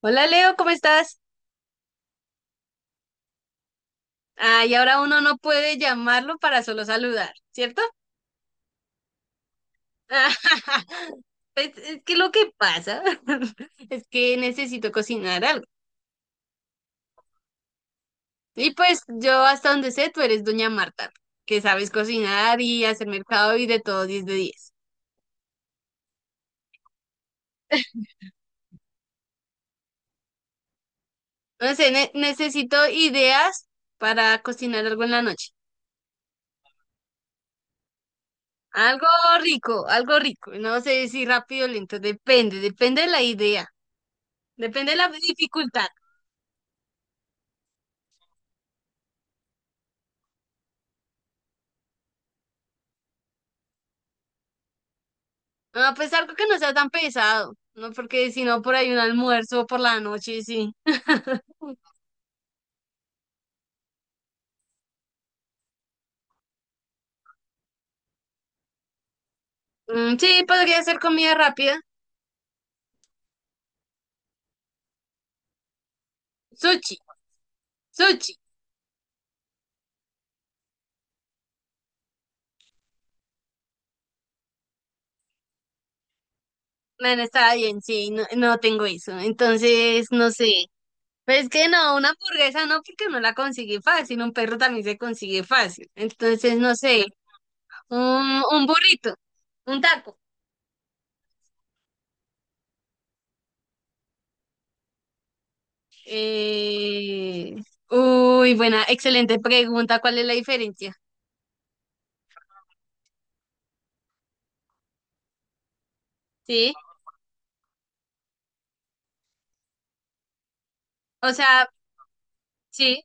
Hola Leo, ¿cómo estás? Ah, y ahora uno no puede llamarlo para solo saludar, ¿cierto? Pues, es que lo que pasa es que necesito cocinar algo. Y pues yo hasta donde sé, tú eres doña Marta, que sabes cocinar y hacer mercado y de todo 10 de 10. No sé, necesito ideas para cocinar algo en la noche. Algo rico, algo rico. No sé si rápido o lento, depende, depende de la idea, depende de la dificultad. Ah, pues algo que no sea tan pesado, ¿no? Porque si no, por ahí un almuerzo por la noche, sí. Mm, sí, podría hacer comida rápida. Sushi, sushi. Bueno, está bien, sí, no, no tengo eso. Entonces, no sé. Pero es que no, una hamburguesa no, porque no la consigue fácil. Un perro también se consigue fácil. Entonces, no sé. Un burrito, un taco. Eh... Uy, buena, excelente pregunta. ¿Cuál es la diferencia? Sí, o sea, sí,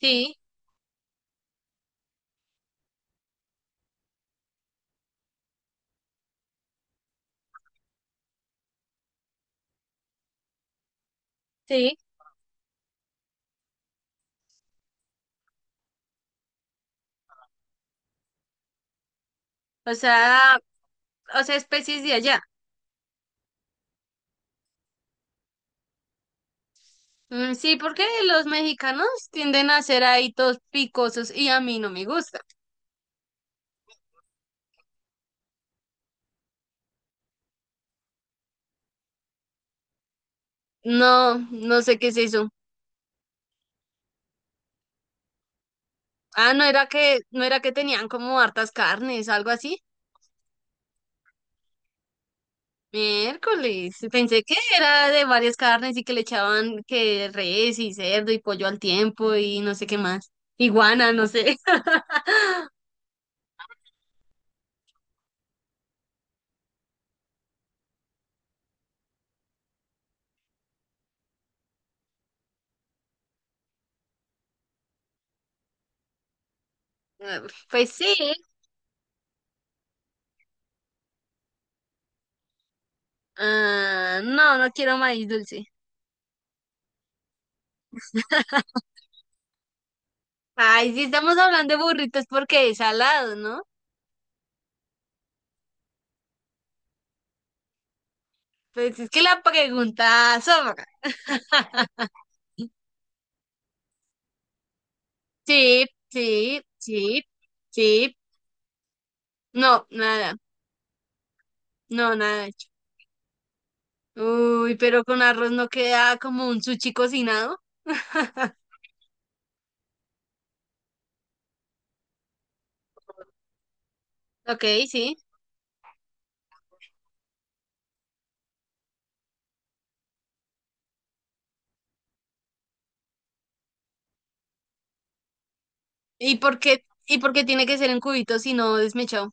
sí. Sí, o sea, o sea, especies de allá. Mm, sí, porque los mexicanos tienden a ser ahí todos picosos y a mí no me gusta. No, no sé qué es eso. Ah, no era que tenían como hartas carnes, algo así. Miércoles, pensé que era de varias carnes y que le echaban que res y cerdo y pollo al tiempo y no sé qué más. Iguana, no sé. Ah, pues sí. Ah, no, no quiero maíz dulce. Ay, sí estamos hablando de burritos porque es salado, ¿no? Pues es que la pregunta sobra. Sí, sí, sí, sí. No, nada. No, nada hecho. Uy, pero con arroz no queda como un sushi cocinado. Ok, sí. ¿Y por qué tiene que ser en cubitos si no desmechado?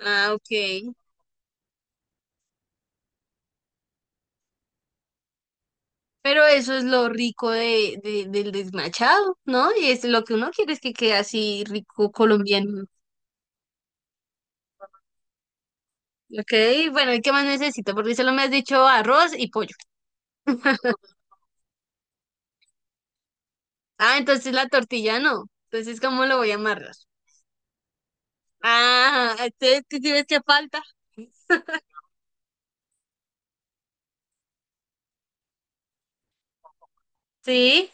Ah, ok. Pero eso es lo rico del desmachado, ¿no? Y es lo que uno quiere es que quede así rico colombiano. Ok, bueno, ¿y qué más necesito? Porque solo me has dicho arroz y pollo. Ah, entonces la tortilla no. Entonces, ¿cómo lo voy a amarrar? Ah, entonces, ¿qué tienes que falta? Sí.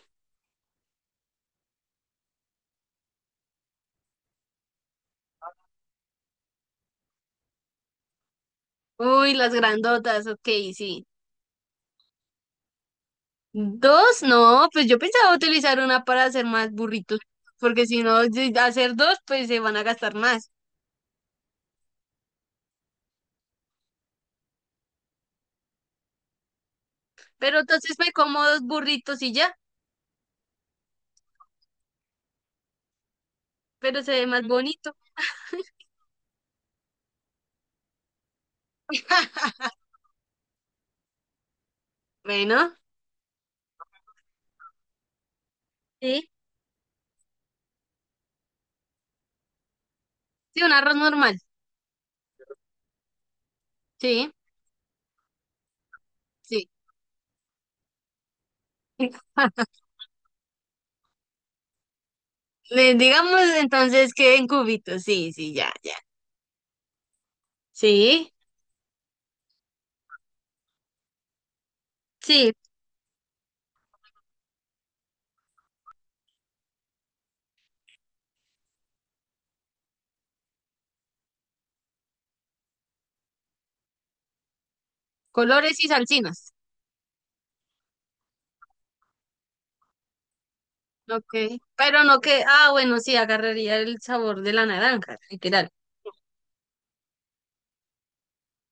Uy, las grandotas, ok, sí. Dos, no, pues yo pensaba utilizar una para hacer más burritos, porque si no, si hacer dos, pues se van a gastar más. Pero entonces me como dos burritos y ya, pero se ve más bonito. Bueno, sí. Sí, un arroz normal. Sí, sí. Le- Digamos entonces que en cubitos, sí, sí, ya, ya. Sí, sí, colores y salsinas. Ok. Pero no que, ah, bueno, sí, agarraría el sabor de la naranja, literal.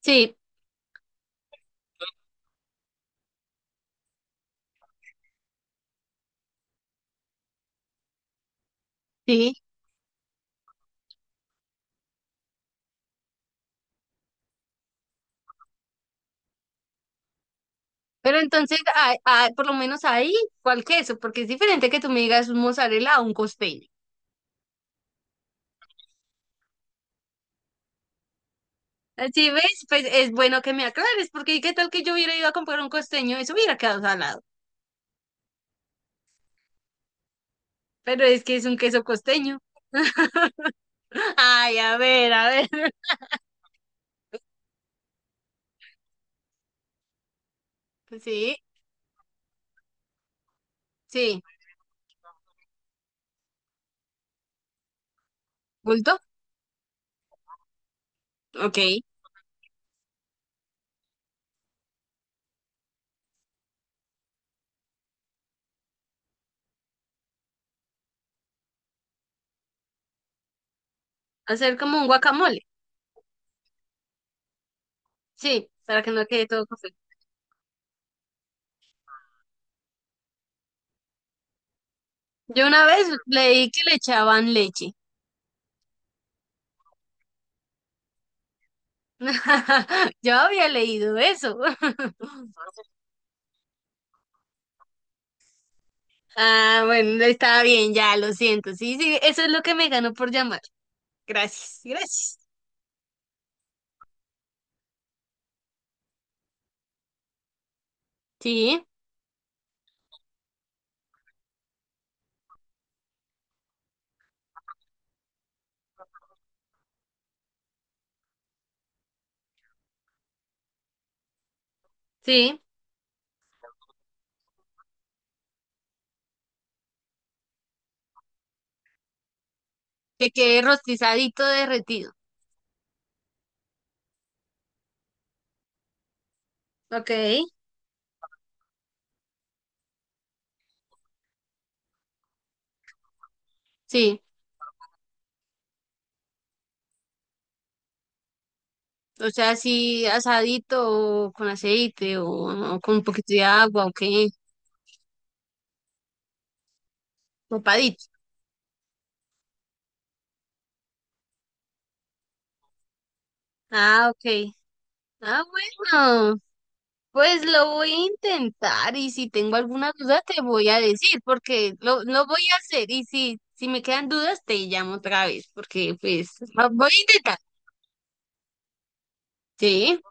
Sí, sí. Pero entonces, ah, ah, por lo menos ahí, ¿cuál queso? Porque es diferente que tú me digas un mozzarella o un costeño. Así ves, pues es bueno que me aclares, porque ¿qué tal que yo hubiera ido a comprar un costeño? Eso hubiera quedado salado. Pero es que es un queso costeño. Ay, a ver, a ver. Pues sí, sí. ¿Bulto? Ok. Hacer como un guacamole. Sí, para que no quede todo. Yo una vez leí que le echaban leche. Yo había leído eso. Ah, bueno, está bien, ya, lo siento. Sí, sí, eso es lo que me ganó por llamar. Gracias, gracias. Sí, sí, que quede rostizadito derretido. Ok. Sí, o sea, así asadito o con aceite o con un poquito de agua o qué, papadito. Ah, ok. Ah, bueno. Pues lo voy a intentar y si tengo alguna duda te voy a decir porque lo voy a hacer y si, si me quedan dudas te llamo otra vez porque pues lo voy a intentar. Sí.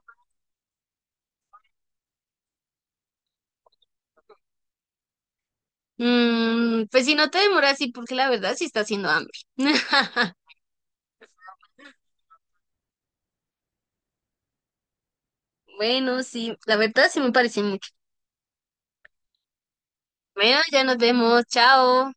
Mm, pues si no te demoras, sí, porque la verdad sí está haciendo hambre. Bueno, sí, la verdad sí me parece mucho. Bueno, ya nos vemos, chao.